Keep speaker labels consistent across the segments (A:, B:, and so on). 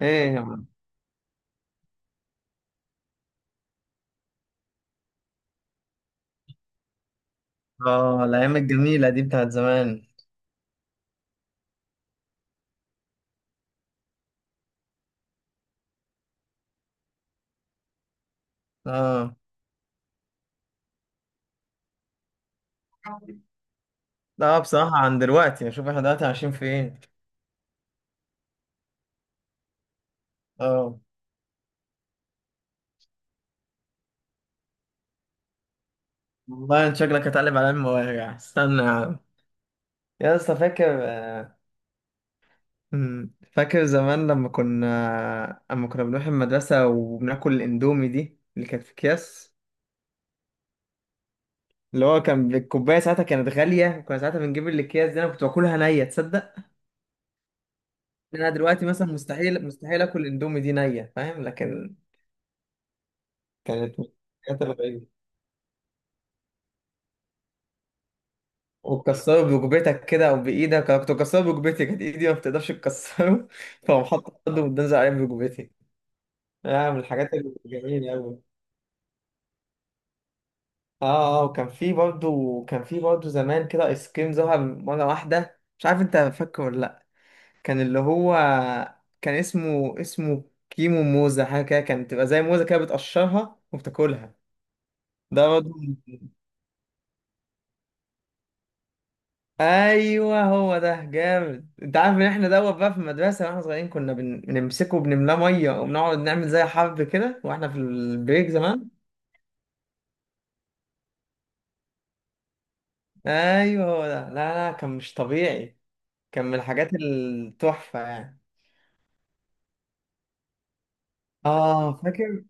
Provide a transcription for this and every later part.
A: ايه يا عم. اه، الايام الجميله دي بتاعت زمان. اه. لا، بصراحه عن دلوقتي اشوف احنا دلوقتي عايشين فين؟ اه، والله انت شكلك هتقلب على المواجع، استنى يا عم، يا اسطى. فاكر، فاكر زمان لما كنا بنروح المدرسه وبناكل الاندومي دي اللي كانت في اكياس. اللي هو كان الكوبايه ساعتها كانت غاليه، وكنا ساعتها بنجيب الاكياس دي، انا كنت باكلها نيه، تصدق؟ إن انا دلوقتي مثلا مستحيل مستحيل اكل الاندومي دي نيه، فاهم؟ لكن كانت من الحاجات الغريبة. وتكسره بركبتك كده او بايدك، انا كنت بكسره بركبتي، كانت ايدي ما بتقدرش تكسره فقوم حاطط قدم وتنزل عليه بركبتي. آه، من الحاجات الجميله قوي. اه اه، وكان في برضه زمان كده ايس كريم ظهر مره واحده، مش عارف انت فاكره ولا لا. كان اللي هو، كان اسمه كيمو موزه، حاجه كده كانت تبقى زي موزه كده بتقشرها وبتاكلها. ده برضه، ايوه هو ده جامد. انت عارف ان احنا دوت بقى في المدرسه واحنا صغيرين كنا بنمسكه وبنملاه ميه وبنقعد نعمل زي حرب كده واحنا في البريك زمان. ايوه هو ده، لا لا، كان مش طبيعي، كان من الحاجات التحفه يعني. اه، فاكر.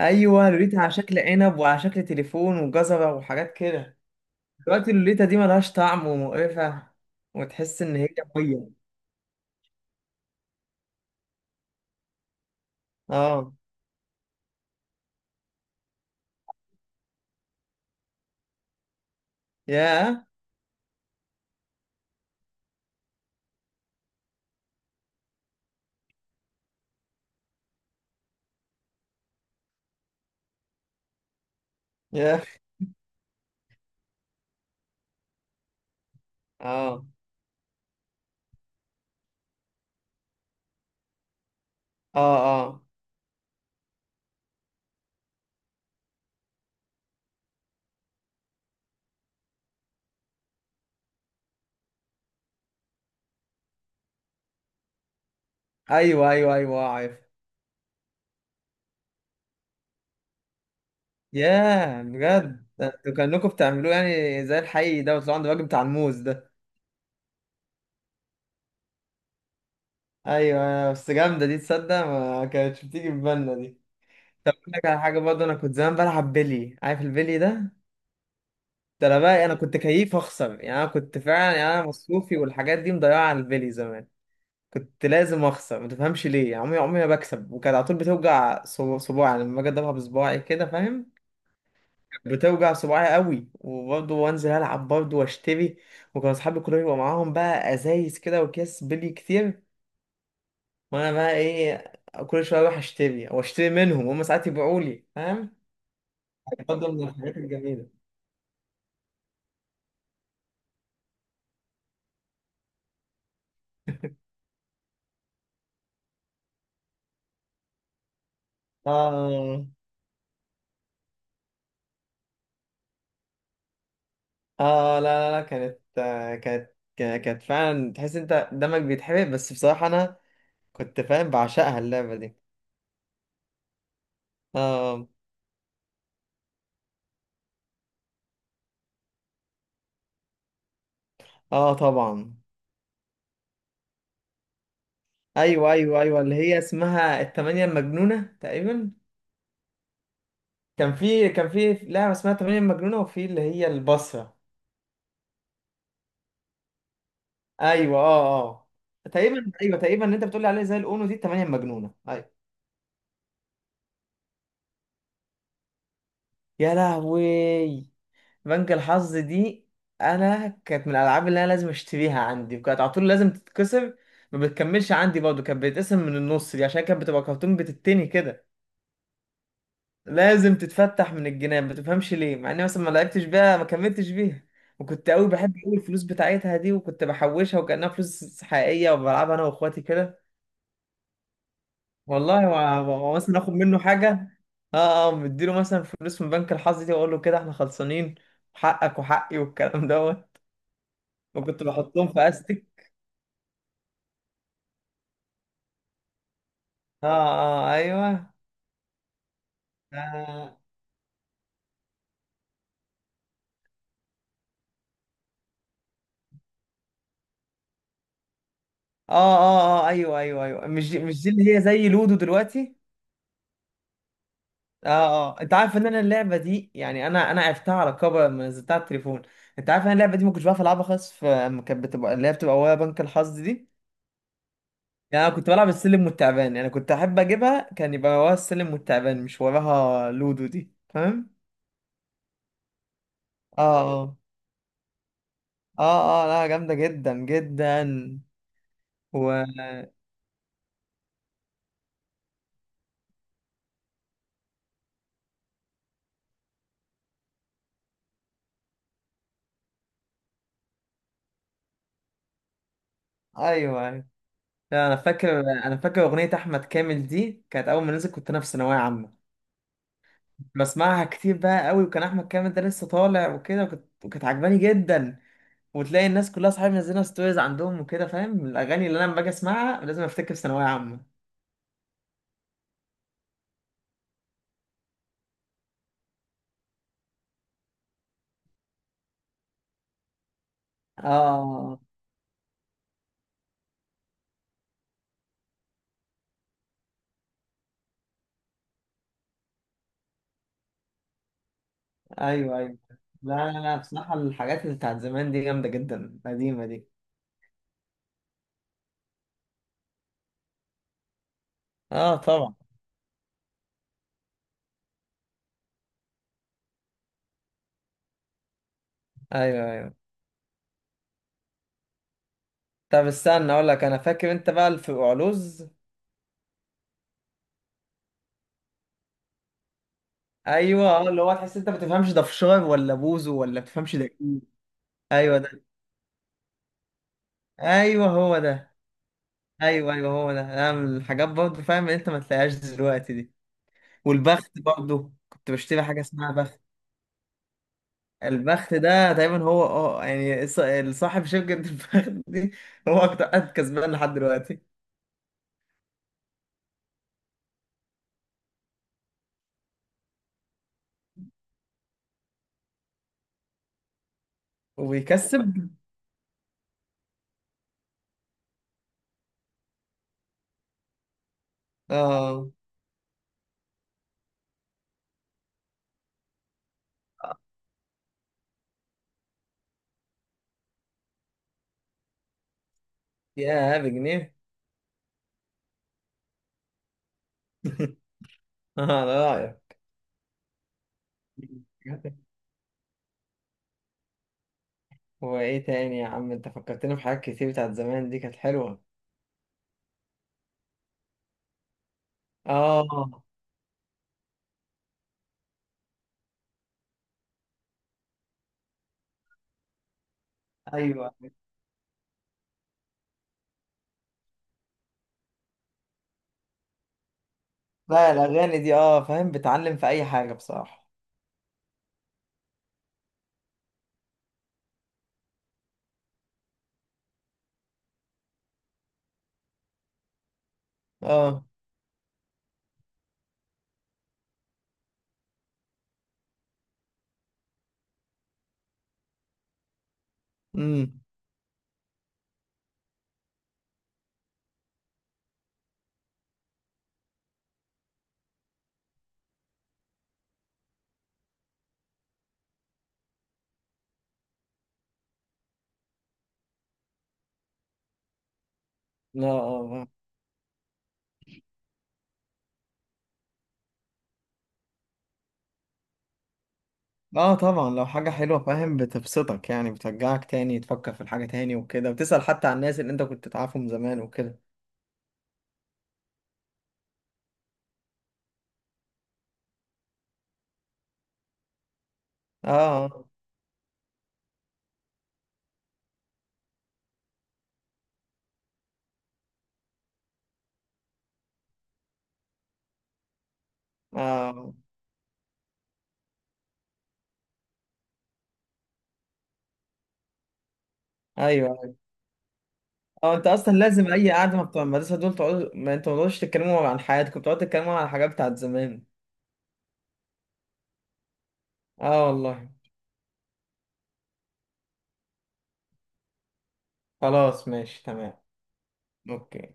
A: ايوه، لوليتا على شكل عنب وعلى شكل تليفون وجزره وحاجات كده. دلوقتي اللوليتا دي ملهاش طعم ومقرفه، وتحس ان هي ميه. اه، ياه ياه، اه اه اه، ايوه ايوه ايوه، آه، عارف. ياه بجد، ده انتوا كأنكم بتعملوه يعني زي الحي ده، وتطلعوا عند الراجل بتاع الموز ده. ايوه أيوه، بس جامده دي، تصدق ما كانتش بتيجي في بالنا دي. طب اقول لك على حاجه برضه، انا كنت زمان بلعب بلي، عارف البلي ده. ده انا بقى كنت كيف اخسر يعني، انا كنت فعلا يعني انا مصروفي والحاجات دي مضيعه على البلي زمان. كنت لازم اخسر، ما تفهمش ليه، يعني عمري عمري ما بكسب. وكانت على طول بتوجع صباعي، يعني لما باجي اضربها بصباعي كده، فاهم. بتوجع صباعي قوي، وبرضه وانزل العب برضه واشتري. وكان اصحابي كلهم يبقى معاهم بقى ازايز كده واكياس بلي كتير، وانا بقى ايه؟ كل شويه اروح اشتري او اشتري منهم، هم ساعات يبيعوا لي، فاهم. برضه من الحاجات الجميله. اه اه، لا لا لا، كانت آه، كانت كا- كانت فعلا تحس انت دمك بيتحرق، بس بصراحه انا كنت فاهم بعشقها اللعبه دي. اه اه طبعا. ايوه ايوه ايوه، اللي هي اسمها التمانية المجنونه تقريبا. كان في لعبة اسمها 8 مجنونة، وفي اللي هي البصرة. ايوه اه اه آه. تقريبا ايوه تقريبا اللي انت بتقول عليه زي الاونو دي، 8 مجنونة، ايوه. يا لهوي. بنك الحظ دي انا كانت من الالعاب اللي انا لازم اشتريها عندي، وكانت على طول لازم تتكسر. ما بتكملش عندي برضه، كانت بتتقسم من النص دي عشان كانت بتبقى كرتون بتتني كده. لازم تتفتح من الجنان، ما تفهمش ليه، مع اني مثلا ما لعبتش بيها ما كملتش بيها. وكنت قوي بحب قوي الفلوس بتاعتها دي، وكنت بحوشها وكأنها فلوس حقيقية وبلعبها انا واخواتي كده. والله، ومثلا اخد منه حاجة. اه اه، مديله مثلا فلوس من بنك الحظ دي، واقول له كده احنا خلصانين، حقك وحقي والكلام دوت. وكنت بحطهم في استك. اه اه ايوه. اه اه اه آه، ايوه ايوه ايوه، مش دي مش دي اللي هي زي لودو دلوقتي. اه اه، انت عارف ان انا اللعبه دي يعني، انا عرفتها على كبر لما نزلتها على التليفون. انت عارف ان انا اللعبه دي ما كنتش بعرف العبها خالص، في اما كانت بتبقى اللي هي بتبقى ويا بنك الحظ دي. يعني انا كنت بلعب السلم والتعبان، يعني كنت احب اجيبها كان يبقى وراها السلم والتعبان، مش وراها لودو دي، فاهم. اه اه اه اه، لا، جامده جدا جدا. و، ايوه ايوه. لا، انا فاكر اغنيه احمد كامل دي كانت اول ما نزلت، كنت انا في ثانويه عامه. بسمعها كتير بقى قوي، وكان احمد كامل ده لسه طالع وكده، وكانت عجباني جدا. وتلاقي الناس كلها صحابي منزلها ستوريز عندهم وكده، فاهم الاغاني اللي انا لما باجي اسمعها لازم افتكر ثانويه عامه. اه ايوه ايوه، لا لا لا، بصراحه الحاجات اللي بتاعت زمان دي جامده جدا القديمه دي. اه طبعا، ايوه ايوه. طب استنى اقول لك، انا فاكر انت بقى في علوز. ايوه اه، اللي هو تحس انت ما بتفهمش ده فشار ولا بوزو ولا بتفهمش ده ايه. ايوه ده، ايوه هو ده، ايوه ايوه هو ده، انا من الحاجات برضه فاهم انت ما تلاقيهاش دلوقتي دي. والبخت برضه كنت بشتري حاجه اسمها بخت. البخت ده دايما هو، يعني، صاحب شركه البخت دي هو اكتر قد كسبان لحد دلوقتي. وبيكسب. اه يا بجنيه اه ده رايك. وايه تاني يا عم، انت فكرتني بحاجات كتير بتاعت زمان دي كانت حلوه. اه ايوه. لا، الاغاني دي اه فاهم بتعلم في اي حاجه بصراحه. اه، امم لا اه اه آه، طبعا، لو حاجة حلوة فاهم بتبسطك، يعني بترجعك تاني تفكر في الحاجة تاني وكده، وتسأل حتى عن الناس اللي انت كنت تعرفهم زمان وكده. اه اه آه. ايوه أيوة. اه، انت اصلا لازم اي قعدة ما بتوع المدرسة دول تقعدوا، ما انتوا ما تقعدوش تتكلموا عن حياتكم، بتقعدوا تتكلموا عن الحاجات بتاعت زمان. اه والله. خلاص، ماشي تمام. اوكي.